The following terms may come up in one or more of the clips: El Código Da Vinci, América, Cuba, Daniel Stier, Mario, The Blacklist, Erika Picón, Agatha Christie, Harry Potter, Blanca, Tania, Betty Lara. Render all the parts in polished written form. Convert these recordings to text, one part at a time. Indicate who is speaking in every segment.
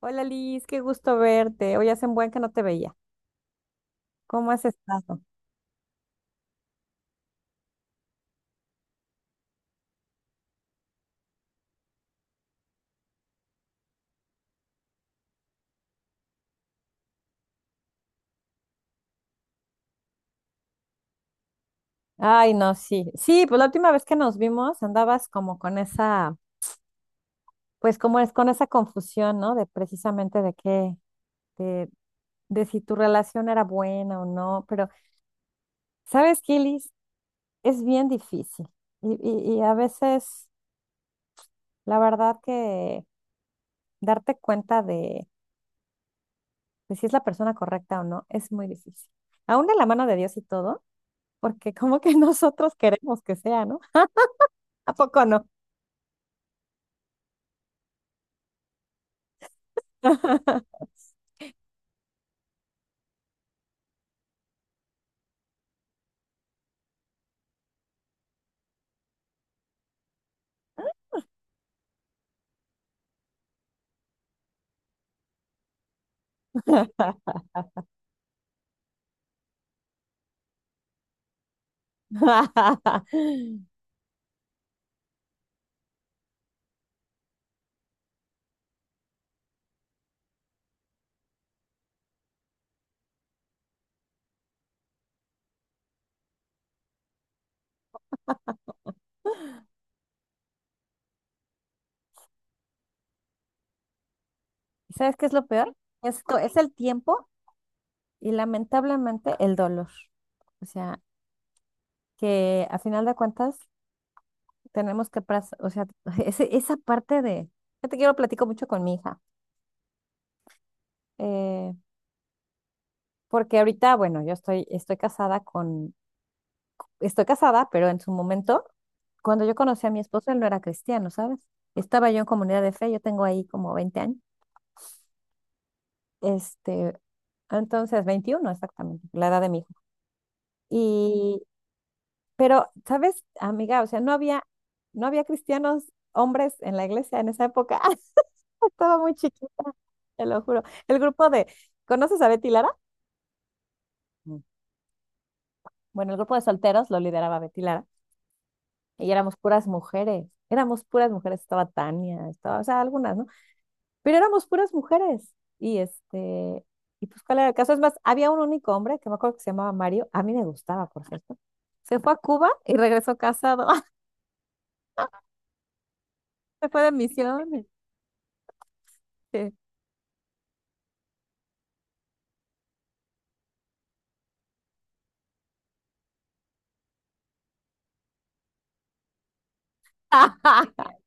Speaker 1: Hola Liz, qué gusto verte. Hoy hace un buen que no te veía. ¿Cómo has estado? Ay, no, sí. Sí, pues la última vez que nos vimos andabas como con esa, pues como es con esa confusión, ¿no? De precisamente de qué, de, de si tu relación era buena o no. Pero, ¿sabes qué, Liz? Es bien difícil. Y a veces, la verdad que darte cuenta de si es la persona correcta o no es muy difícil. Aún de la mano de Dios y todo, porque como que nosotros queremos que sea, ¿no? ¿A poco no? ¿Sabes qué es lo peor? Esto es el tiempo y lamentablemente el dolor. O sea, que a final de cuentas tenemos que, o sea, esa parte de, yo te quiero platico mucho con mi hija, eh, porque ahorita, bueno, yo estoy, estoy casada con, estoy casada, pero en su momento, cuando yo conocí a mi esposo, él no era cristiano, ¿sabes? Estaba yo en comunidad de fe, yo tengo ahí como 20 años. Este, entonces, 21 exactamente, la edad de mi hijo. Y, pero, ¿sabes, amiga? O sea, no había cristianos hombres en la iglesia en esa época. Estaba muy chiquita, te lo juro. El grupo de, ¿conoces a Betty Lara? Mm. Bueno, el grupo de solteros lo lideraba Betty Lara y éramos puras mujeres. Éramos puras mujeres, estaba Tania, estaba, o sea, algunas, ¿no? Pero éramos puras mujeres. Y este, y pues cuál era el caso. Es más, había un único hombre que me acuerdo que se llamaba Mario, a mí me gustaba, por cierto. Se fue a Cuba y regresó casado. Se fue de misión. Este.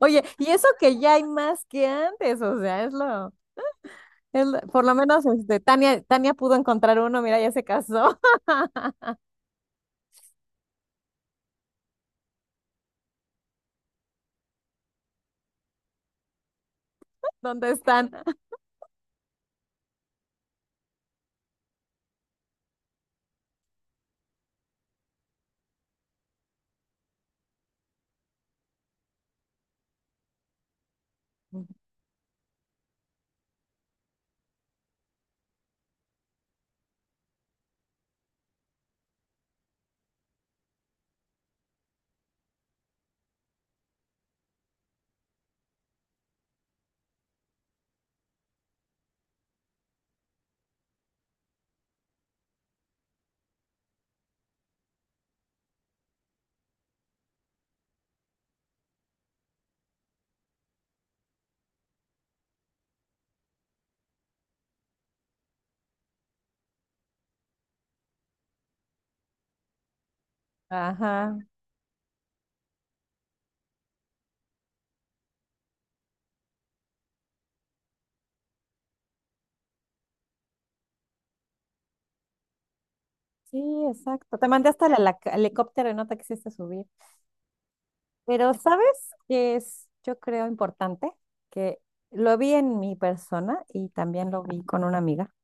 Speaker 1: Oye, y eso que ya hay más que antes, o sea, por lo menos este, Tania pudo encontrar uno, mira, ya se casó. ¿Dónde están? Ujú. Ajá, sí, exacto. Te mandé hasta el, helicóptero y no te quisiste subir. Pero ¿sabes qué es, yo creo, importante? Que lo vi en mi persona y también lo vi con una amiga,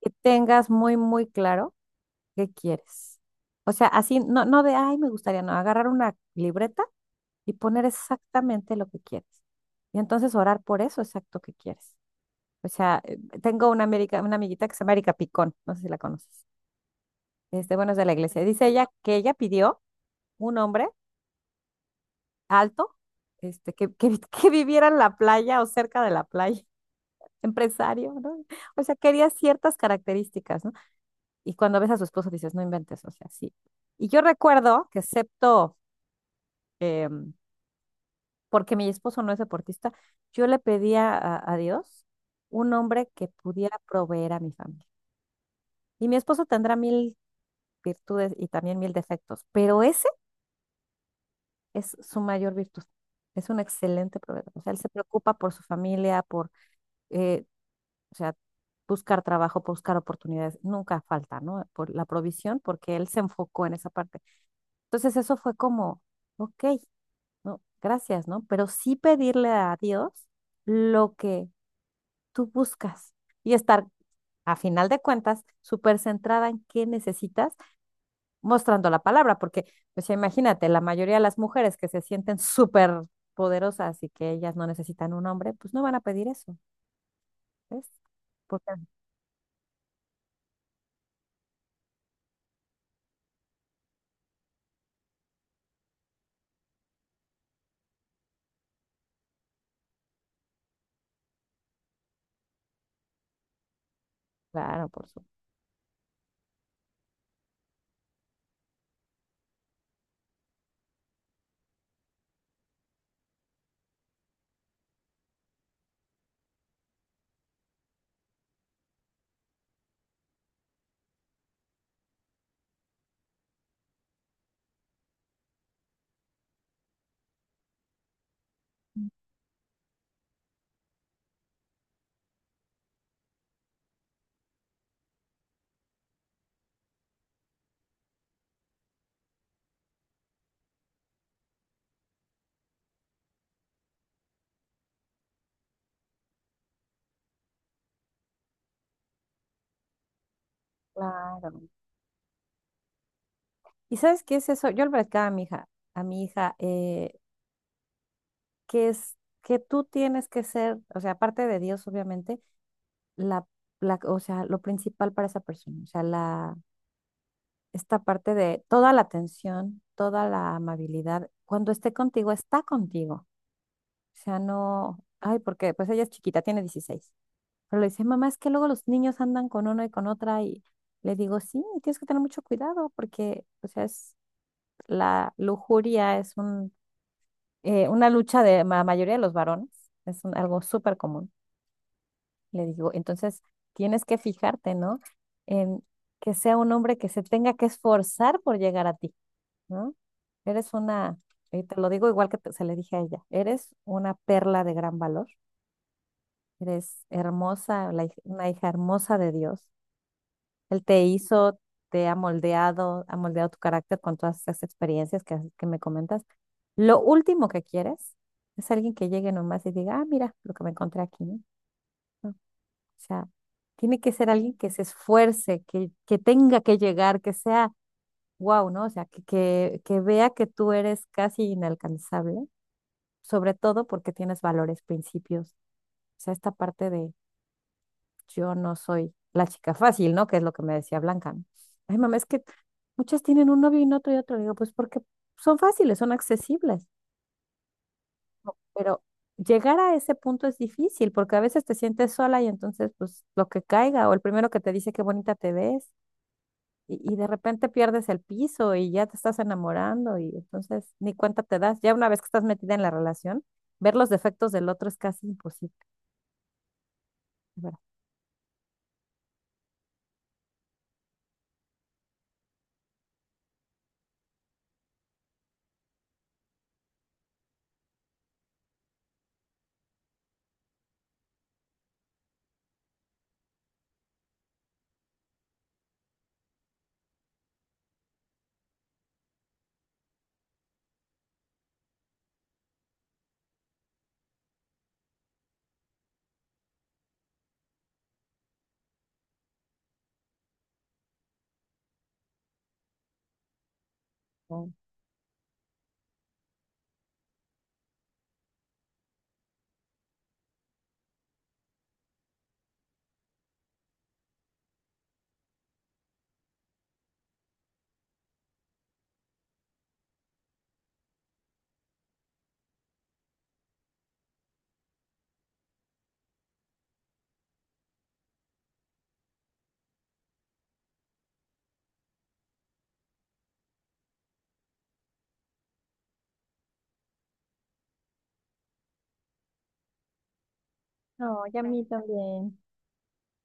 Speaker 1: que tengas muy, muy claro qué quieres. O sea, así, no, no de, ay, me gustaría, no, agarrar una libreta y poner exactamente lo que quieres. Y entonces orar por eso exacto que quieres. O sea, tengo una, América, una amiguita que se llama Erika Picón, no sé si la conoces. Este, bueno, es de la iglesia. Dice ella que ella pidió un hombre alto, este, que viviera en la playa o cerca de la playa, empresario, ¿no? O sea, quería ciertas características, ¿no? Y cuando ves a su esposo dices, no inventes, o sea, sí. Y yo recuerdo que excepto, eh, porque mi esposo no es deportista, yo le pedía a Dios un hombre que pudiera proveer a mi familia. Y mi esposo tendrá mil virtudes y también mil defectos, pero ese es su mayor virtud. Es un excelente proveedor. O sea, él se preocupa por su familia, por eh, o sea, buscar trabajo, buscar oportunidades, nunca falta, ¿no? Por la provisión, porque él se enfocó en esa parte. Entonces eso fue como, ok, no, gracias, ¿no? Pero sí pedirle a Dios lo que tú buscas y estar, a final de cuentas, súper centrada en qué necesitas, mostrando la palabra, porque, pues imagínate, la mayoría de las mujeres que se sienten súper poderosas y que ellas no necesitan un hombre, pues no van a pedir eso, ¿ves? Porque, claro, por supuesto. Claro. ¿Y sabes qué es eso? Yo le platicaba a mi hija, que es que tú tienes que ser, o sea, aparte de Dios, obviamente, la, la, o sea, lo principal para esa persona, o sea, la, esta parte de toda la atención, toda la amabilidad, cuando esté contigo, está contigo. O sea, no, ay, porque pues ella es chiquita, tiene 16. Pero le dice, mamá, es que luego los niños andan con uno y con otra y le digo, sí, tienes que tener mucho cuidado porque, o sea, es la lujuria, es un una lucha de la mayoría de los varones, algo súper común, le digo. Entonces, tienes que fijarte, ¿no? En que sea un hombre que se tenga que esforzar por llegar a ti, ¿no? Eres una, y te lo digo igual que se le dije a ella, eres una perla de gran valor, eres hermosa, una hija hermosa de Dios él te hizo, te ha moldeado tu carácter con todas esas experiencias que, que me comentas. Lo último que quieres es alguien que llegue nomás y diga, ah, mira lo que me encontré aquí, ¿no? No, o sea, tiene que ser alguien que se esfuerce, que tenga que llegar, que sea wow, ¿no? O sea, que vea que tú eres casi inalcanzable, sobre todo porque tienes valores, principios. O sea, esta parte yo no soy la chica fácil, ¿no? Que es lo que me decía Blanca. ¿No? Ay, mamá, es que muchas tienen un novio y un otro y otro. Le digo, pues porque son fáciles, son accesibles, pero llegar a ese punto es difícil porque a veces te sientes sola y entonces, pues lo que caiga o el primero que te dice qué bonita te ves y de repente pierdes el piso y ya te estás enamorando y entonces ni cuenta te das. Ya una vez que estás metida en la relación, ver los defectos del otro es casi imposible, ¿verdad? No, No, y a mí también.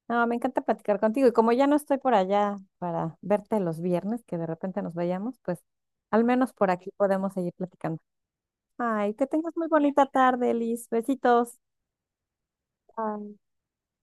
Speaker 1: No, me encanta platicar contigo. Y como ya no estoy por allá para verte los viernes, que de repente nos vayamos, pues al menos por aquí podemos seguir platicando. Ay, que tengas muy bonita tarde, Liz. Besitos.